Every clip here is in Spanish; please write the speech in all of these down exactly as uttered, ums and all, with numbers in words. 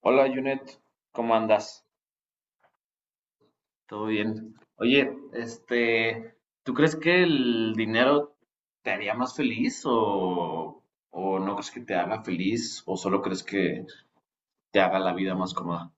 Hola, Junet, ¿cómo andas? ¿Todo bien? Oye, este, ¿tú crees que el dinero te haría más feliz o, o no crees que te haga feliz o solo crees que te haga la vida más cómoda?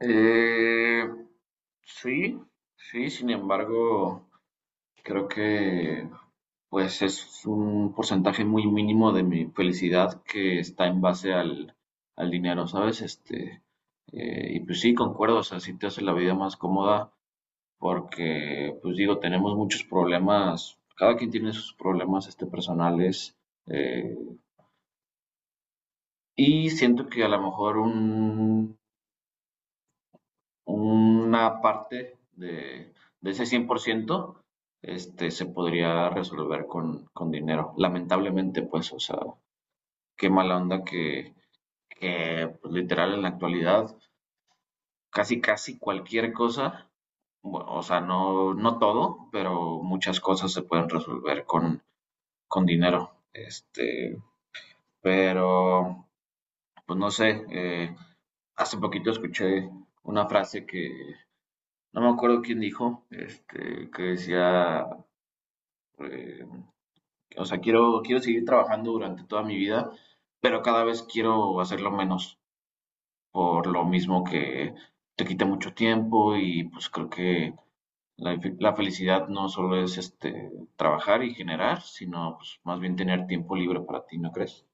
Eh, sí, sí, sin embargo, creo que pues es un porcentaje muy mínimo de mi felicidad que está en base al, al dinero, ¿sabes? Este, eh, y pues sí, concuerdo, o sea, sí te hace la vida más cómoda, porque, pues digo, tenemos muchos problemas, cada quien tiene sus problemas este, personales, eh, y siento que a lo mejor un, una parte de, de ese cien por ciento este, se podría resolver con, con dinero. Lamentablemente, pues, o sea, qué mala onda que, que pues, literal en la actualidad casi, casi cualquier cosa, bueno, o sea, no, no todo, pero muchas cosas se pueden resolver con, con dinero. Este, pero, pues no sé, eh, hace poquito escuché una frase que no me acuerdo quién dijo, este, que decía, eh, o sea, quiero, quiero seguir trabajando durante toda mi vida, pero cada vez quiero hacerlo menos, por lo mismo que te quita mucho tiempo y pues creo que la, fe- la felicidad no solo es este, trabajar y generar, sino pues, más bien tener tiempo libre para ti, ¿no crees?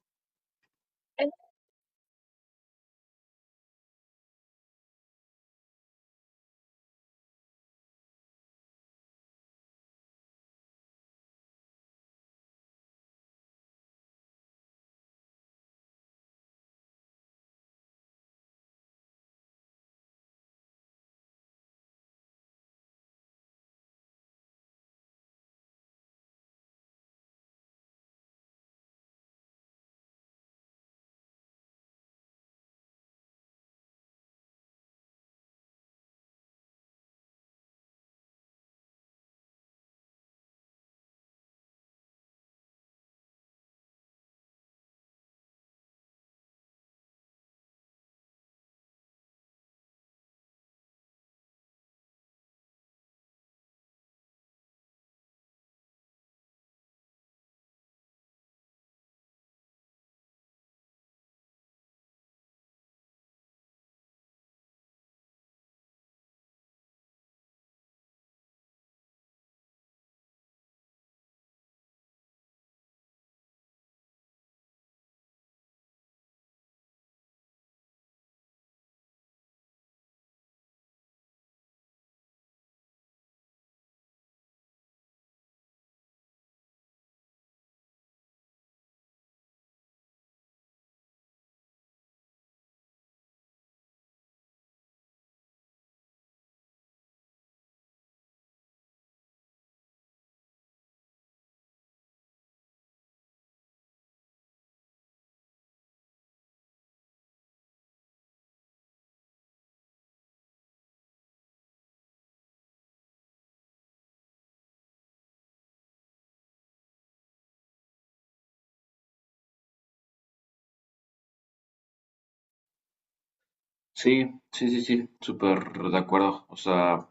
Sí, sí, sí, sí, súper de acuerdo. O sea,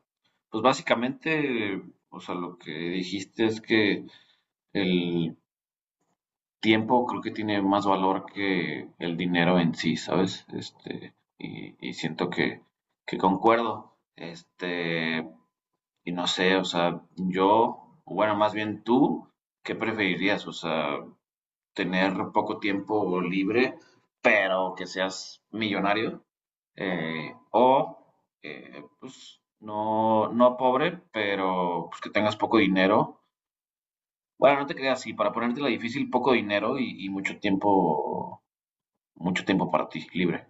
pues básicamente, o sea, lo que dijiste es que el tiempo creo que tiene más valor que el dinero en sí, ¿sabes? Este, y, y siento que, que concuerdo. Este, y no sé, o sea, yo, o bueno, más bien tú, ¿qué preferirías? O sea, tener poco tiempo libre, pero que seas millonario eh, o eh, pues no, no pobre, pero pues que tengas poco dinero. Bueno, no te creas así, para ponértela difícil, poco dinero y, y mucho tiempo, mucho tiempo para ti, libre.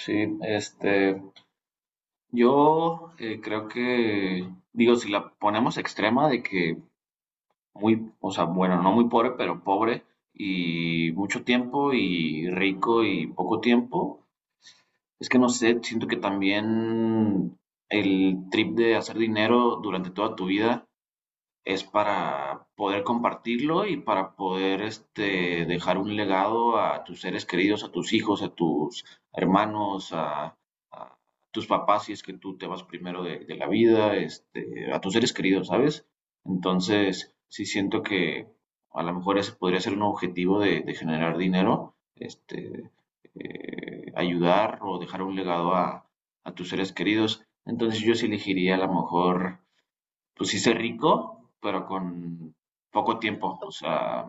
Sí, este, yo eh, creo que, digo, si la ponemos extrema de que muy, o sea, bueno, no muy pobre, pero pobre y mucho tiempo y rico y poco tiempo, es que no sé, siento que también el trip de hacer dinero durante toda tu vida es para poder compartirlo y para poder este, dejar un legado a tus seres queridos, a tus hijos, a tus hermanos, a, a tus papás, si es que tú te vas primero de, de la vida, este, a tus seres queridos, ¿sabes? Entonces, sí siento que a lo mejor ese podría ser un objetivo de, de generar dinero, este, eh, ayudar o dejar un legado a, a tus seres queridos. Entonces yo sí elegiría a lo mejor pues hice rico, pero con poco tiempo. O sea,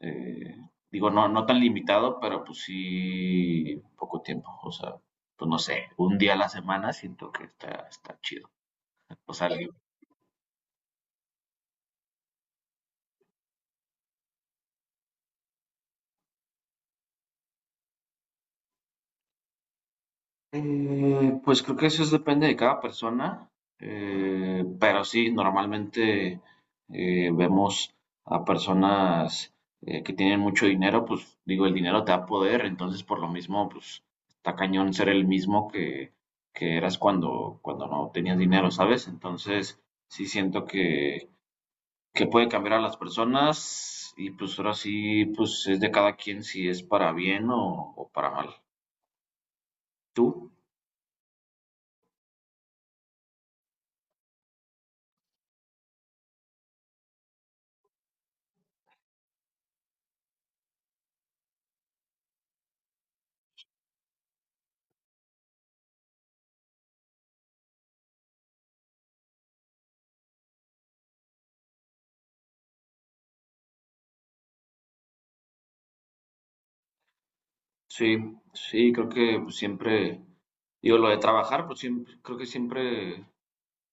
eh, digo, no, no tan limitado, pero pues sí poco tiempo. O sea, pues no sé, un día a la semana siento que está, está chido. O sea, Eh, pues creo que eso es- depende de cada persona, eh, pero sí, normalmente eh, vemos a personas eh, que tienen mucho dinero, pues digo, el dinero te da poder, entonces por lo mismo, pues está cañón ser el mismo que, que eras cuando, cuando no tenías dinero, ¿sabes? Entonces sí siento que, que puede cambiar a las personas y pues ahora sí, pues es de cada quien si es para bien o, o para mal. ¿Tú? Sí, sí, creo que pues, siempre, digo, lo de trabajar, pues siempre, creo que siempre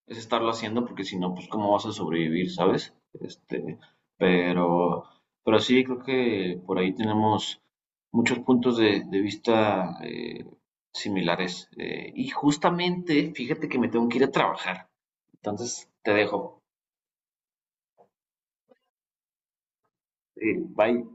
es estarlo haciendo, porque si no, pues cómo vas a sobrevivir, ¿sabes? Este, pero, pero sí, creo que por ahí tenemos muchos puntos de, de vista eh, similares. Eh, y justamente, fíjate que me tengo que ir a trabajar. Entonces, te dejo. Eh, bye.